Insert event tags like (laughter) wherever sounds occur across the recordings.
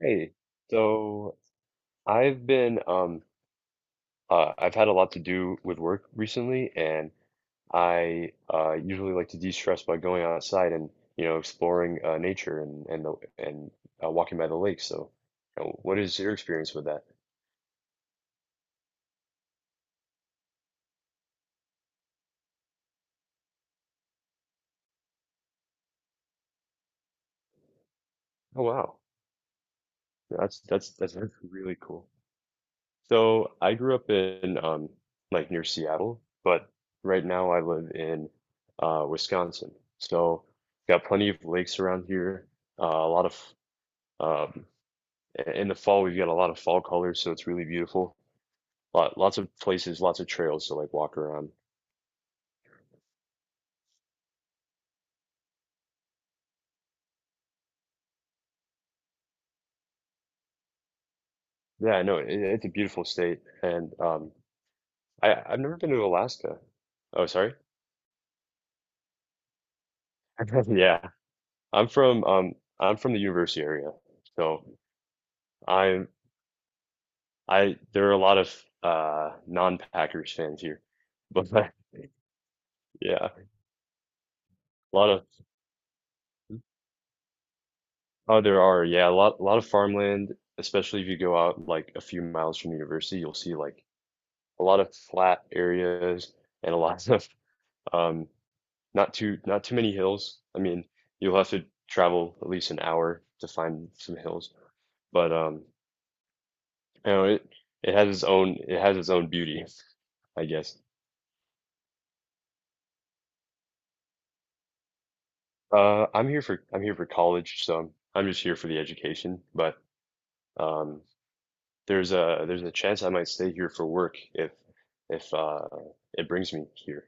Hey, so I've been I've had a lot to do with work recently, and I usually like to de-stress by going outside and exploring nature and walking by the lake. So, what is your experience with that? Oh wow. That's really cool. So, I grew up in like near Seattle, but right now I live in Wisconsin. So, got plenty of lakes around here, a lot of. Um, in the fall, we've got a lot of fall colors, so it's really beautiful. Lots of places, lots of trails to like walk around. Yeah, no, it's a beautiful state, and I 've never been to Alaska. Oh, sorry. (laughs) Yeah, I'm from um I'm from the university area, so I'm I there are a lot of non-Packers fans here, but (laughs) yeah, a lot of. Oh, there are, yeah, a lot, a lot of farmland, especially if you go out like a few miles from the university, you'll see like a lot of flat areas and a lot (laughs) of um, not too many hills. I mean, you'll have to travel at least an hour to find some hills, but it it has its own beauty, I guess. I'm here for college, so I'm just here for the education. But um, there's a chance I might stay here for work if if uh, it brings me here.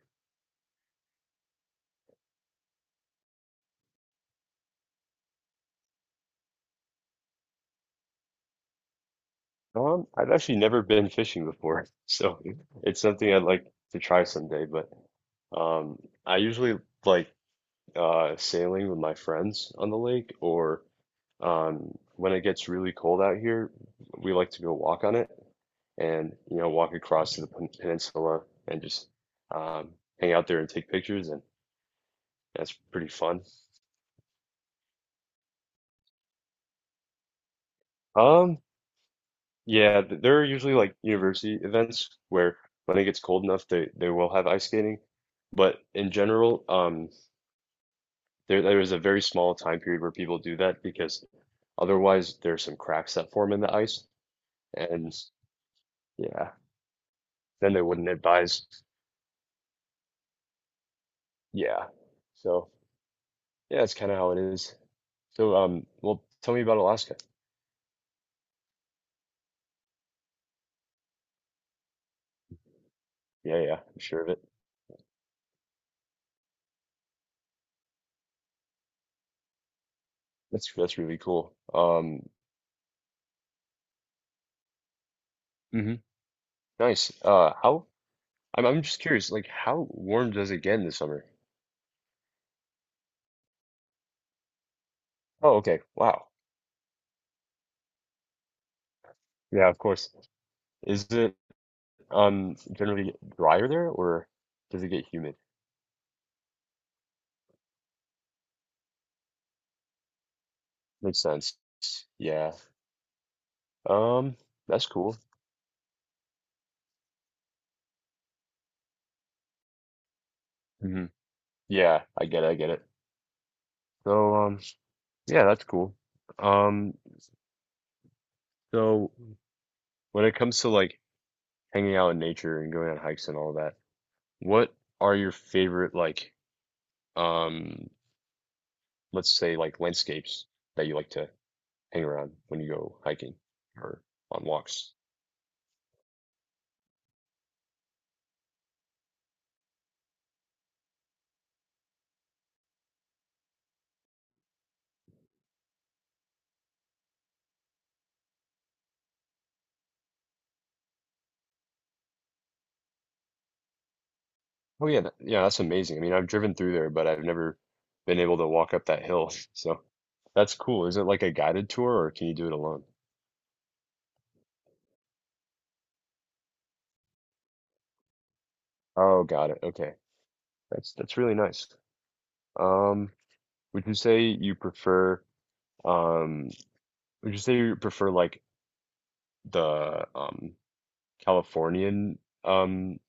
I've actually never been fishing before, (laughs) so it's something I'd like to try someday. But um, I usually like sailing with my friends on the lake, or when it gets really cold out here, we like to go walk on it and walk across to the peninsula and just um, hang out there and take pictures, and that's pretty fun. Um, Yeah, there are usually like university events where when it gets cold enough, they will have ice skating. But in general, there is a very small time period where people do that because otherwise there's some cracks that form in the ice, and yeah, then they wouldn't advise. Yeah, so yeah, that's kind of how it is. So well, tell me about Alaska. Yeah, yeah, I'm sure of it. That's really cool. Hmm nice. How? I'm just curious. Like, how warm does it get in the summer? Oh, okay. Wow. Yeah, of course. Is it generally drier there, or does it get humid? Makes sense. Yeah. Um, that's cool. Hmm. Yeah, I get it, I get it. So yeah, that's cool. Um so when it comes to like hanging out in nature and going on hikes and all that, what are your favorite like um let's say like landscapes that you like to hang around when you go hiking or on walks? Oh yeah, yeah, that's amazing. I mean, I've driven through there, but I've never been able to walk up that hill. (laughs) So that's cool. Is it like a guided tour, or can you do it alone? Oh, got it. Okay. That's really nice. Um, would you say you prefer um would you say you prefer like the Californian um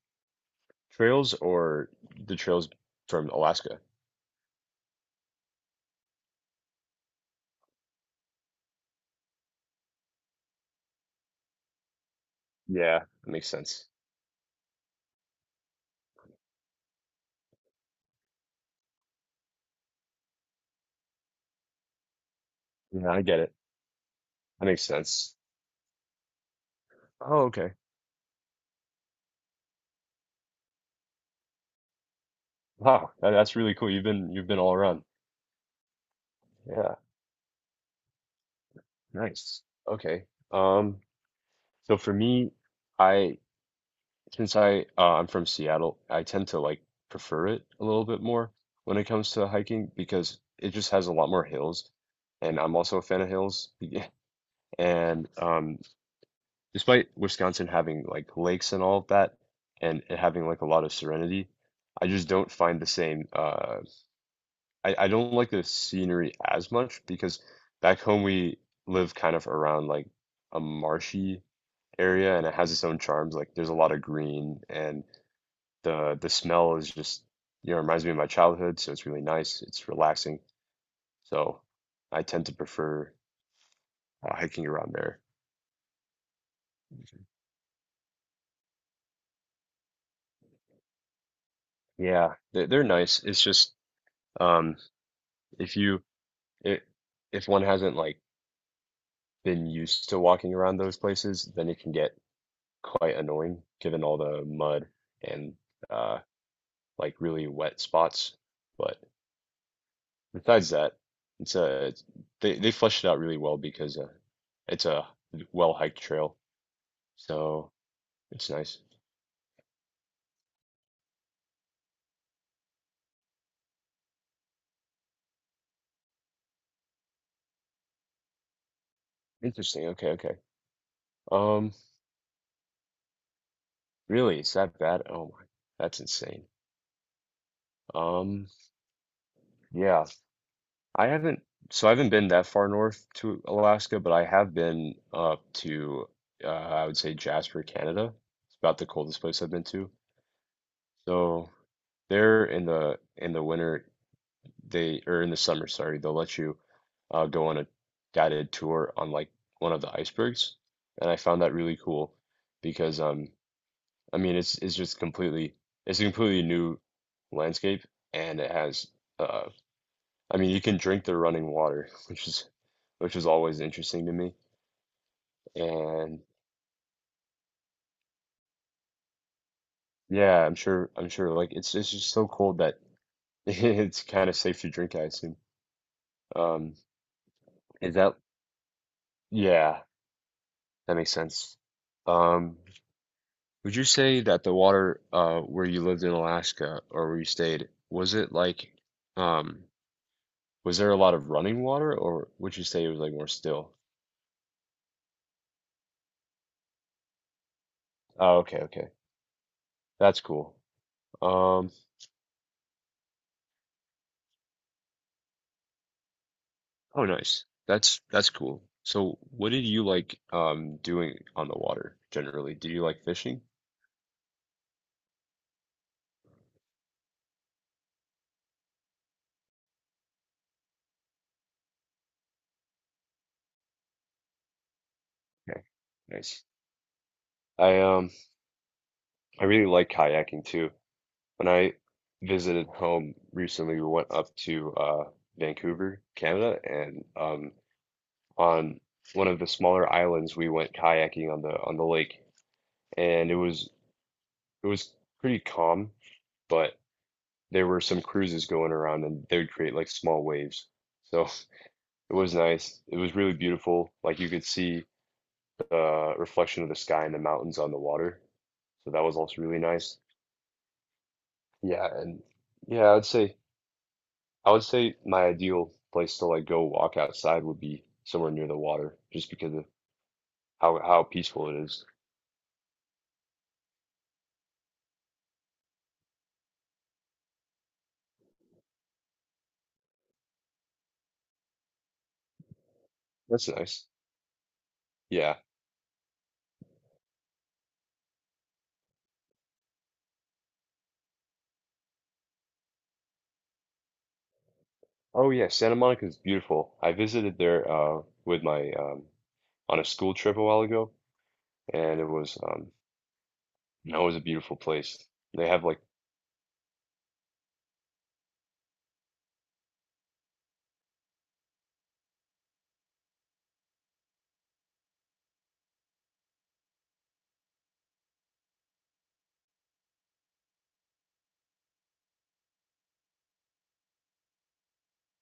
trails or the trails from Alaska? Yeah, that makes sense. Yeah, I get it. That makes sense. Oh, okay. Wow, that's really cool. You've been all around. Yeah. Nice. Okay. Um, so for me, I since I I'm from Seattle, I tend to like prefer it a little bit more when it comes to hiking because it just has a lot more hills, and I'm also a fan of hills. (laughs) And despite Wisconsin having like lakes and all of that, and it having like a lot of serenity, I just don't find the same. I don't like the scenery as much because back home we live kind of around like a marshy area, and it has its own charms. Like there's a lot of green, and the smell is just, you know, reminds me of my childhood, so it's really nice. It's relaxing. So I tend to prefer hiking around there. Yeah, they're nice. It's just um if you it, if one hasn't like been used to walking around those places, then it can get quite annoying given all the mud and uh like really wet spots. But besides that, it's a they fleshed it out really well because it's a well hiked trail, so it's nice. Interesting. Okay, okay. Um, really, it's that bad? Oh my, that's insane. Um, yeah, I haven't. So I haven't been that far north to Alaska, but I have been up to I would say Jasper, Canada. It's about the coldest place I've been to. So there in the winter they, or in the summer, sorry, they'll let you go on a guided tour on like one of the icebergs, and I found that really cool because I mean it's just completely it's a completely new landscape, and it has uh I mean you can drink the running water (laughs) which is always interesting to me. And yeah, I'm sure like it's just so cold that (laughs) it's kind of safe to drink, I assume. Um is that yeah that makes sense. um Would you say that the water where you lived in Alaska or where you stayed, was it like um was there a lot of running water, or would you say it was like more still? Oh, okay, okay. That's cool. Um oh nice. That's cool. So what did you like doing on the water generally? Do you like fishing? Okay, nice. I um I really like kayaking too. When I visited home recently, we went up to Vancouver, Canada, and on one of the smaller islands. We went kayaking on the lake, and it was pretty calm, but there were some cruises going around, and they would create like small waves. So (laughs) it was nice. It was really beautiful. Like you could see the reflection of the sky and the mountains on the water. So that was also really nice. Yeah, and yeah, I would say my ideal place to like go walk outside would be somewhere near the water, just because of how peaceful it is. That's nice. Yeah. Oh yeah, Santa Monica is beautiful. I visited there with my on a school trip a while ago, and it was that was a beautiful place. They have like